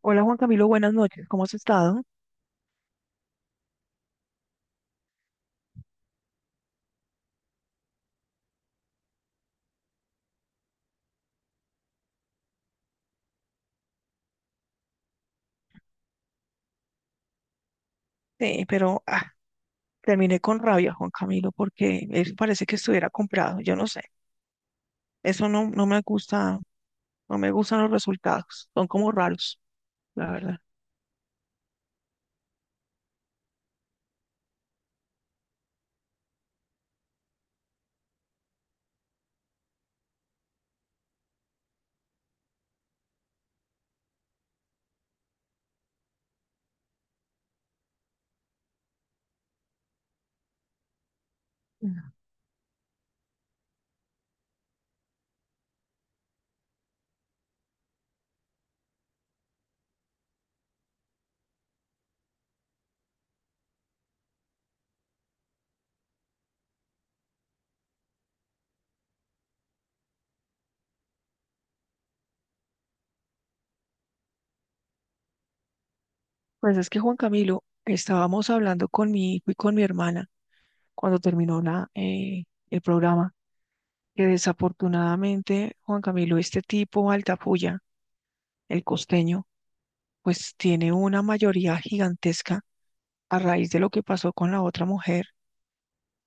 Hola Juan Camilo, buenas noches, ¿cómo has estado? Sí, pero terminé con rabia, Juan Camilo, porque eso parece que estuviera comprado, yo no sé, eso no, no me gusta, no me gustan los resultados, son como raros, la verdad. Ujú. Pues es que Juan Camilo, estábamos hablando con mi hijo y con mi hermana cuando terminó el programa, que desafortunadamente, Juan Camilo, este tipo Altafulla, el costeño, pues tiene una mayoría gigantesca a raíz de lo que pasó con la otra mujer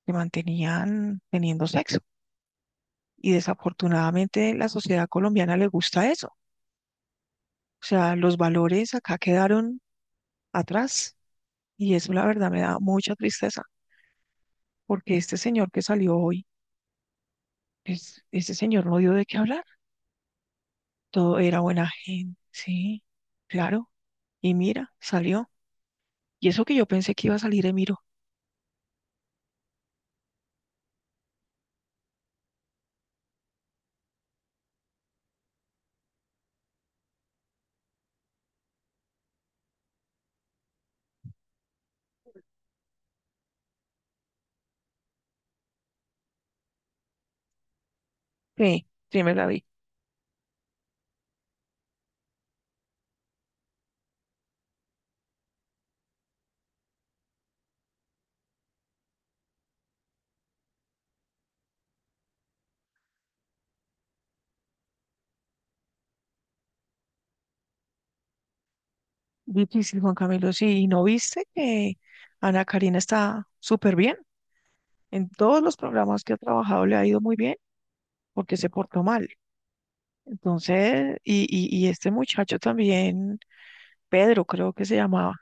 que mantenían teniendo sexo. Y desafortunadamente la sociedad colombiana le gusta eso. O sea, los valores acá quedaron atrás y eso la verdad me da mucha tristeza porque este señor que salió hoy, es, este señor no dio de qué hablar. Todo era buena gente, sí, claro. Y mira, salió. Y eso que yo pensé que iba a salir Emiro. Sí, sí me la vi. Difícil, Juan Camilo. Sí, ¿y no viste que Ana Karina está súper bien? En todos los programas que ha trabajado le ha ido muy bien. Porque se portó mal. Entonces, y este muchacho también, Pedro creo que se llamaba,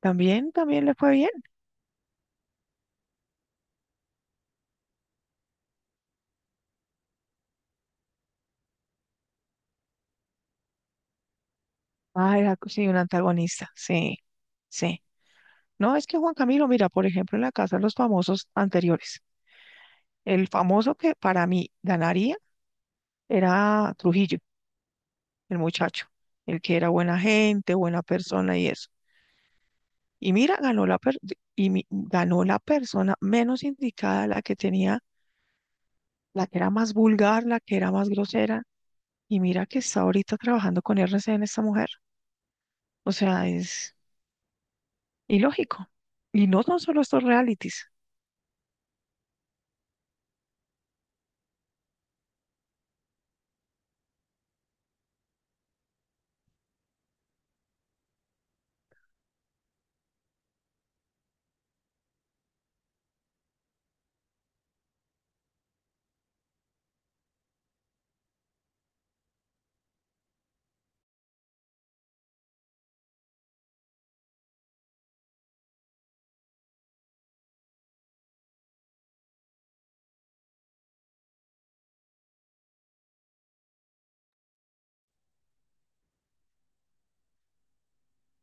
también, también le fue bien. Ah, era sí, un antagonista, sí, sí. No, es que Juan Camilo, mira, por ejemplo, en la casa de los famosos anteriores, el famoso que para mí ganaría era Trujillo, el muchacho, el que era buena gente, buena persona y eso. Y mira, ganó la persona menos indicada, la que tenía, la que era más vulgar, la que era más grosera. Y mira que está ahorita trabajando con R C RCN esta mujer. O sea, es ilógico. Y no son solo estos realities.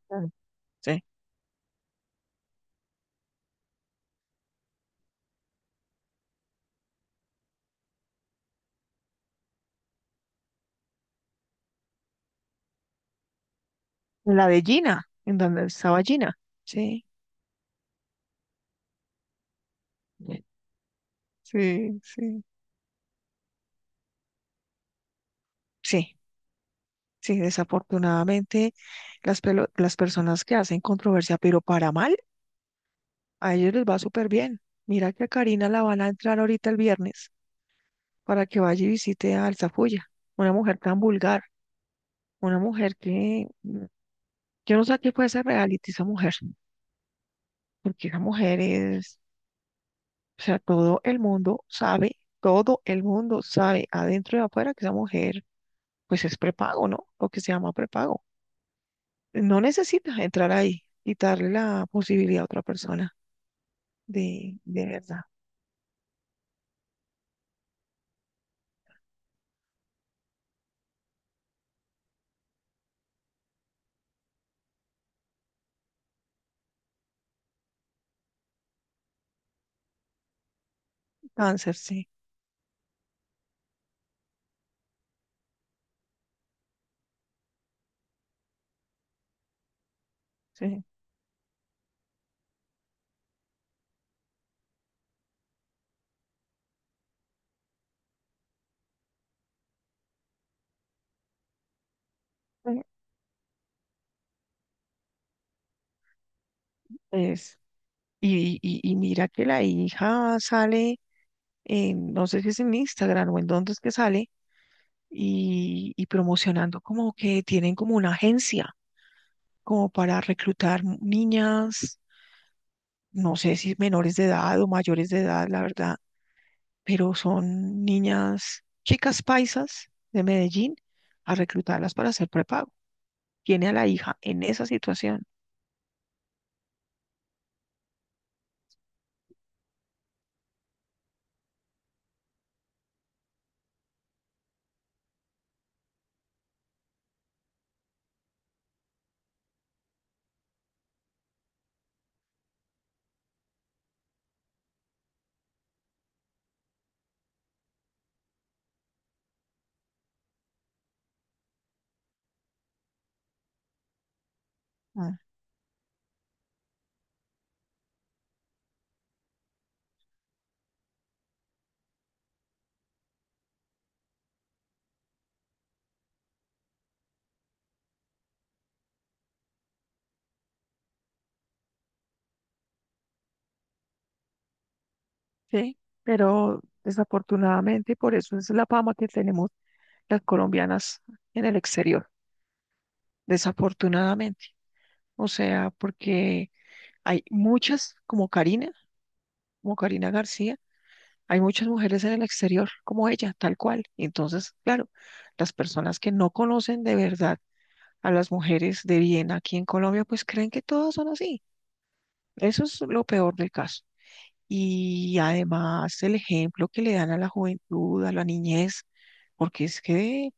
Claro. Sí. La de Gina, en donde estaba Gina. Sí, sí, sí. Sí, sí, desafortunadamente las personas que hacen controversia, pero para mal, a ellos les va súper bien. Mira que a Karina la van a entrar ahorita el viernes para que vaya y visite a Alzafulla, una mujer tan vulgar, una mujer que yo no sé a qué puede ser reality esa mujer. Porque esa mujer es, o sea, todo el mundo sabe, todo el mundo sabe adentro y afuera que esa mujer, pues es prepago, ¿no? Lo que se llama prepago. No necesitas entrar ahí, quitarle la posibilidad a otra persona de verdad. Cáncer, sí, sí. Sí, es, y mira que la hija sale, no sé si es en Instagram o en dónde es que sale, y promocionando como que tienen como una agencia como para reclutar niñas, no sé si menores de edad o mayores de edad, la verdad, pero son niñas, chicas paisas de Medellín, a reclutarlas para hacer prepago. Tiene a la hija en esa situación. Ujú. Sí, pero desafortunadamente, y por eso es la fama que tenemos las colombianas en el exterior, desafortunadamente. O sea, porque hay muchas, como Karina García, hay muchas mujeres en el exterior como ella, tal cual. Entonces, claro, las personas que no conocen de verdad a las mujeres de bien aquí en Colombia, pues creen que todas son así. Eso es lo peor del caso. Y además el ejemplo que le dan a la juventud, a la niñez, porque es que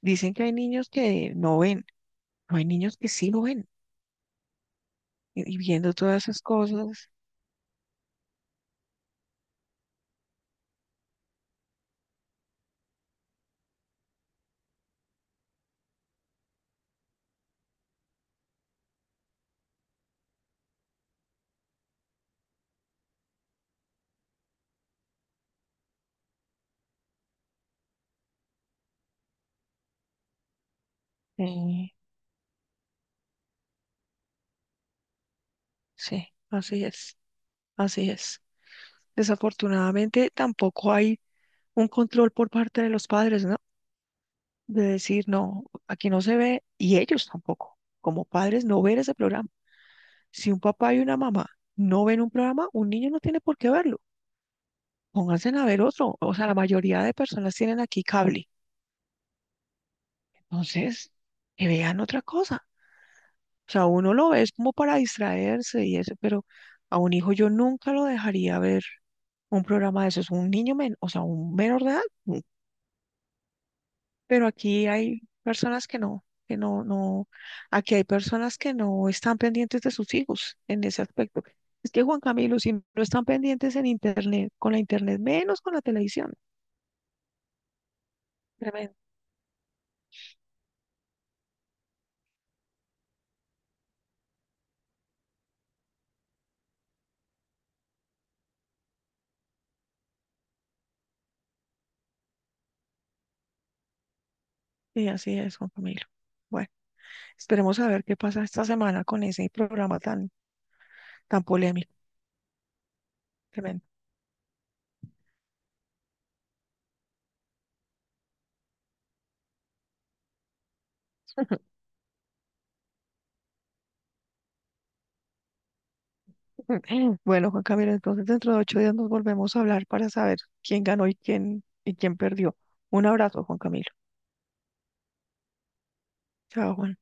dicen que hay niños que no ven, no hay niños que sí lo ven, y viendo todas esas cosas, eh, sí, así es, así es. Desafortunadamente tampoco hay un control por parte de los padres, ¿no? De decir, no, aquí no se ve, y ellos tampoco, como padres, no ver ese programa. Si un papá y una mamá no ven un programa, un niño no tiene por qué verlo. Pónganse a ver otro. O sea, la mayoría de personas tienen aquí cable. Entonces, que vean otra cosa. O sea, uno lo ve es como para distraerse y eso, pero a un hijo yo nunca lo dejaría ver un programa de esos. Un niño, men o sea, un menor de edad. No. Pero aquí hay personas que no, no. Aquí hay personas que no están pendientes de sus hijos en ese aspecto. Es que Juan Camilo, si no están pendientes en internet, con la internet, menos con la televisión. Tremendo. Y así es, Juan Camilo. Bueno. Esperemos a ver qué pasa esta semana con ese programa tan, tan polémico. Tremendo. Bueno, Juan Camilo, entonces dentro de 8 días nos volvemos a hablar para saber quién ganó y quién perdió. Un abrazo, Juan Camilo. Chao, Juan.